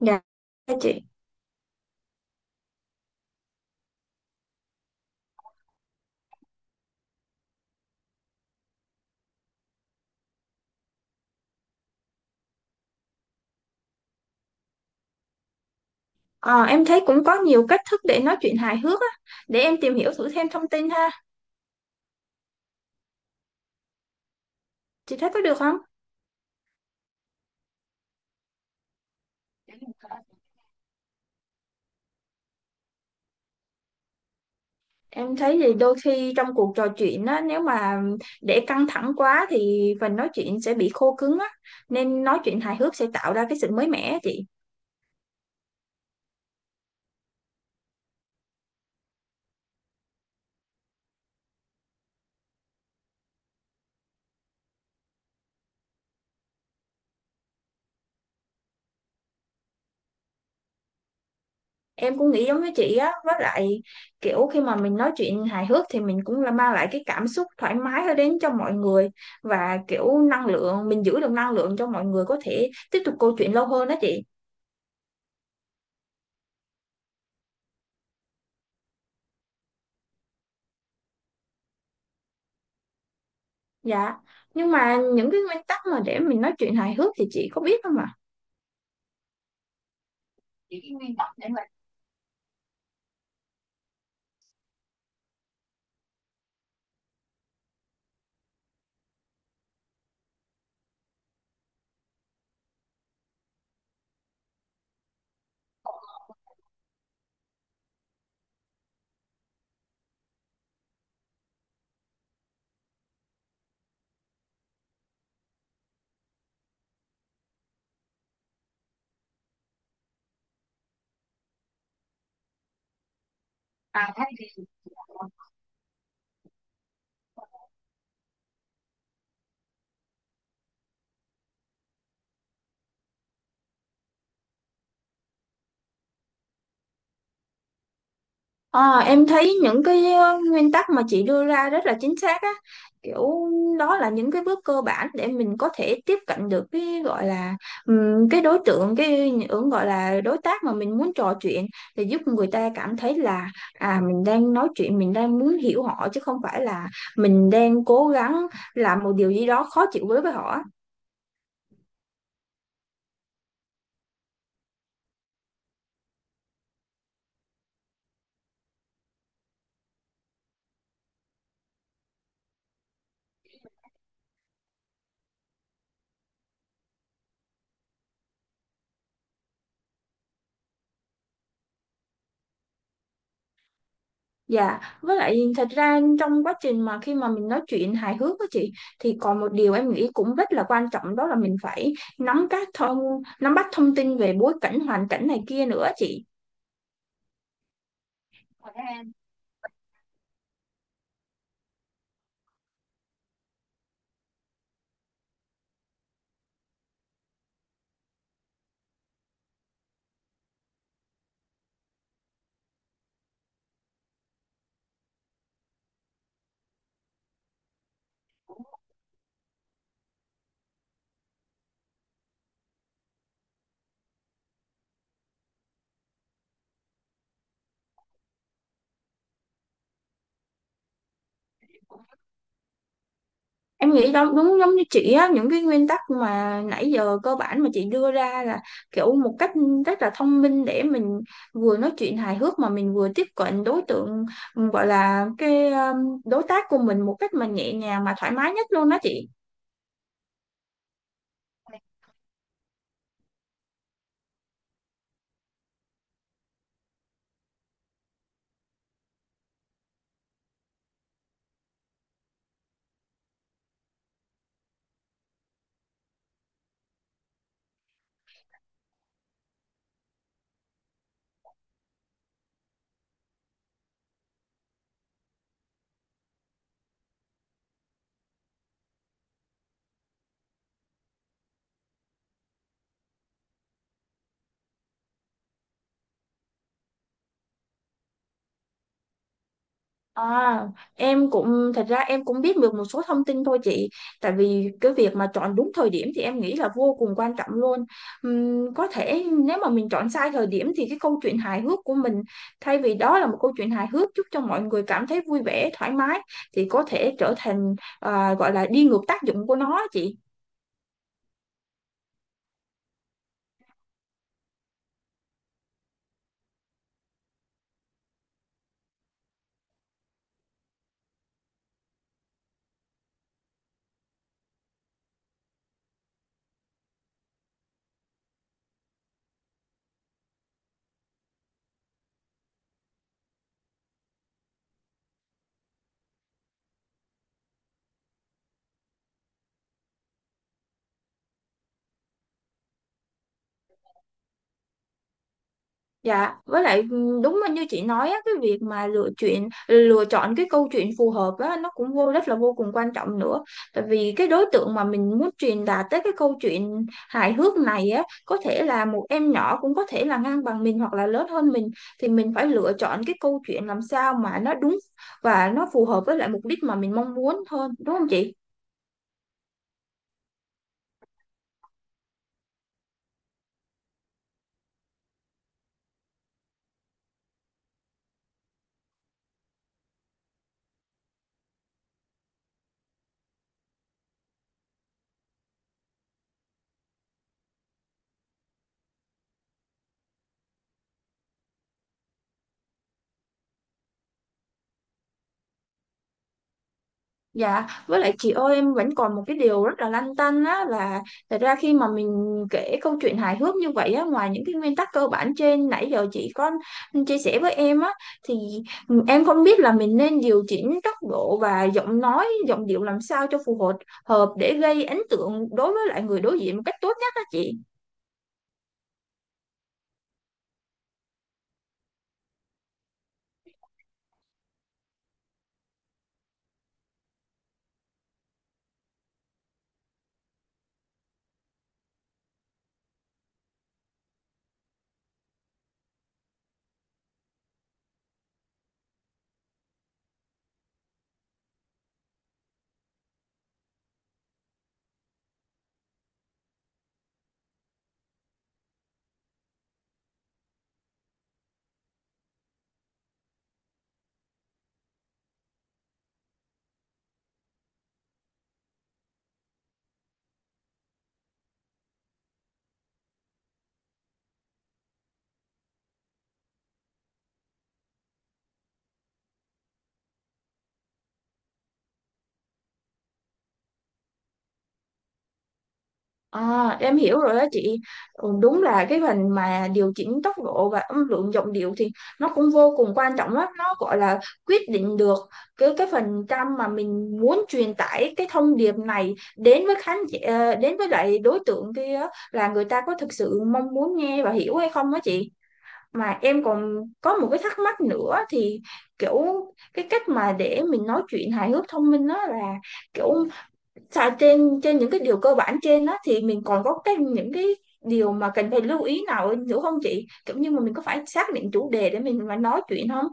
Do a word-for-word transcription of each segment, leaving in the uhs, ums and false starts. Dạ dạ chị. Ờ, em thấy cũng có nhiều cách thức để nói chuyện hài hước á. Để em tìm hiểu thử thêm thông tin ha. Chị thấy có được không? Em thấy thì đôi khi trong cuộc trò chuyện á, nếu mà để căng thẳng quá thì phần nói chuyện sẽ bị khô cứng á. Nên nói chuyện hài hước sẽ tạo ra cái sự mới mẻ á chị. Em cũng nghĩ giống với chị á, với lại kiểu khi mà mình nói chuyện hài hước thì mình cũng là mang lại cái cảm xúc thoải mái đến cho mọi người, và kiểu năng lượng, mình giữ được năng lượng cho mọi người có thể tiếp tục câu chuyện lâu hơn đó chị. Dạ, nhưng mà những cái nguyên tắc mà để mình nói chuyện hài hước thì chị có biết không ạ? Những cái nguyên tắc để mà à, ờ, em thấy những cái ờ, nguyên tắc mà chị đưa ra rất là chính xác á, kiểu đó là những cái bước cơ bản để mình có thể tiếp cận được cái gọi là, ừm, cái đối tượng, cái ứng gọi là đối tác mà mình muốn trò chuyện, để giúp người ta cảm thấy là à mình đang nói chuyện, mình đang muốn hiểu họ chứ không phải là mình đang cố gắng làm một điều gì đó khó chịu với với họ á. Dạ, với lại thật ra trong quá trình mà khi mà mình nói chuyện hài hước á chị, thì còn một điều em nghĩ cũng rất là quan trọng, đó là mình phải nắm các thông nắm bắt thông tin về bối cảnh, hoàn cảnh này kia nữa chị. Em nghĩ đó đúng giống như chị á, những cái nguyên tắc mà nãy giờ cơ bản mà chị đưa ra là kiểu một cách rất là thông minh để mình vừa nói chuyện hài hước mà mình vừa tiếp cận đối tượng, gọi là cái um, đối tác của mình một cách mà nhẹ nhàng mà thoải mái nhất luôn đó chị. À, em cũng thật ra em cũng biết được một số thông tin thôi chị. Tại vì cái việc mà chọn đúng thời điểm thì em nghĩ là vô cùng quan trọng luôn. Ừm, có thể nếu mà mình chọn sai thời điểm thì cái câu chuyện hài hước của mình, thay vì đó là một câu chuyện hài hước giúp cho mọi người cảm thấy vui vẻ thoải mái, thì có thể trở thành à, gọi là đi ngược tác dụng của nó á chị. Dạ, với lại ừ, đúng như chị nói á, cái việc mà lựa chuyện lựa chọn cái câu chuyện phù hợp á, nó cũng vô rất là vô cùng quan trọng nữa. Tại vì cái đối tượng mà mình muốn truyền đạt tới cái câu chuyện hài hước này á, có thể là một em nhỏ, cũng có thể là ngang bằng mình, hoặc là lớn hơn mình, thì mình phải lựa chọn cái câu chuyện làm sao mà nó đúng và nó phù hợp với lại mục đích mà mình mong muốn hơn, đúng không chị? Dạ, với lại chị ơi, em vẫn còn một cái điều rất là lăn tăn á, là thật ra khi mà mình kể câu chuyện hài hước như vậy á, ngoài những cái nguyên tắc cơ bản trên nãy giờ chị có chia sẻ với em á, thì em không biết là mình nên điều chỉnh tốc độ và giọng nói, giọng điệu làm sao cho phù hợp hợp để gây ấn tượng đối với lại người đối diện một cách tốt nhất á chị. À, em hiểu rồi đó chị. Ừ, đúng là cái phần mà điều chỉnh tốc độ và âm lượng giọng điệu thì nó cũng vô cùng quan trọng lắm. Nó gọi là quyết định được cái cái phần trăm mà mình muốn truyền tải cái thông điệp này đến với khán giả, ờ, đến với lại đối tượng kia là người ta có thực sự mong muốn nghe và hiểu hay không đó chị. Mà em còn có một cái thắc mắc nữa thì kiểu, cái cách mà để mình nói chuyện hài hước thông minh đó là kiểu, dạ, trên trên những cái điều cơ bản trên đó thì mình còn có cái những cái điều mà cần phải lưu ý nào nữa không chị? Kiểu như mà mình có phải xác định chủ đề để mình mà nói chuyện không?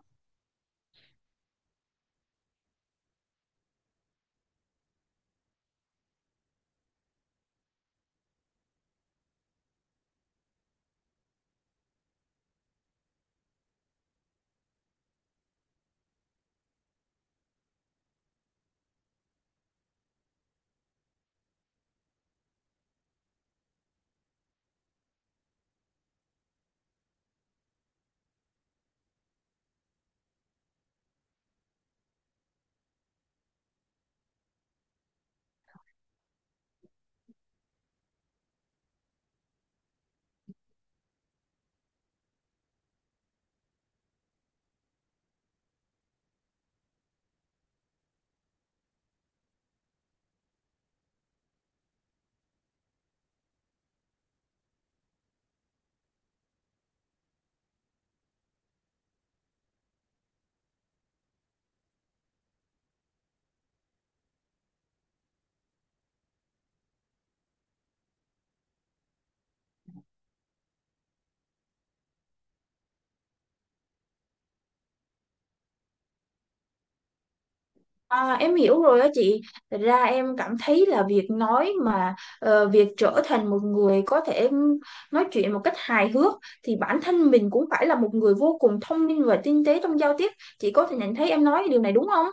À, em hiểu rồi đó chị. Thật ra em cảm thấy là việc nói mà ờ, việc trở thành một người có thể nói chuyện một cách hài hước thì bản thân mình cũng phải là một người vô cùng thông minh và tinh tế trong giao tiếp. Chị có thể nhận thấy em nói điều này đúng không?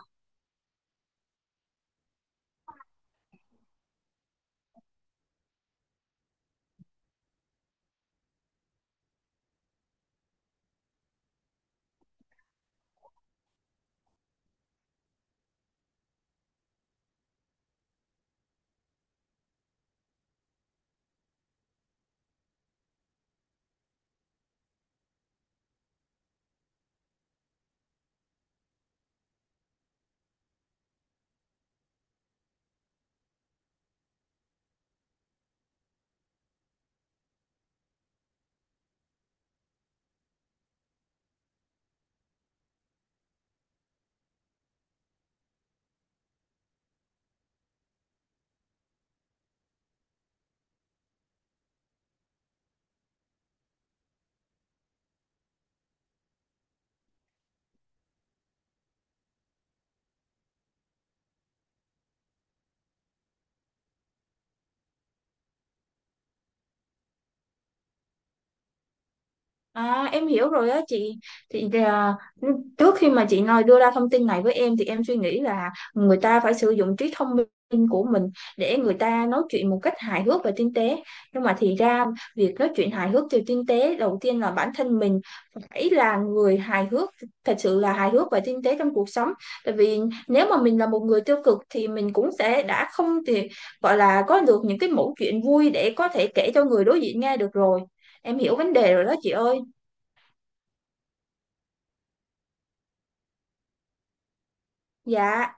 À, em hiểu rồi á chị, thì à, trước khi mà chị nói đưa ra thông tin này với em thì em suy nghĩ là người ta phải sử dụng trí thông minh của mình để người ta nói chuyện một cách hài hước và tinh tế, nhưng mà thì ra việc nói chuyện hài hước và tinh tế đầu tiên là bản thân mình phải là người hài hước, thật sự là hài hước và tinh tế trong cuộc sống. Tại vì nếu mà mình là một người tiêu cực thì mình cũng sẽ đã không thì gọi là có được những cái mẩu chuyện vui để có thể kể cho người đối diện nghe được rồi. Em hiểu vấn đề rồi đó chị ơi. Dạ.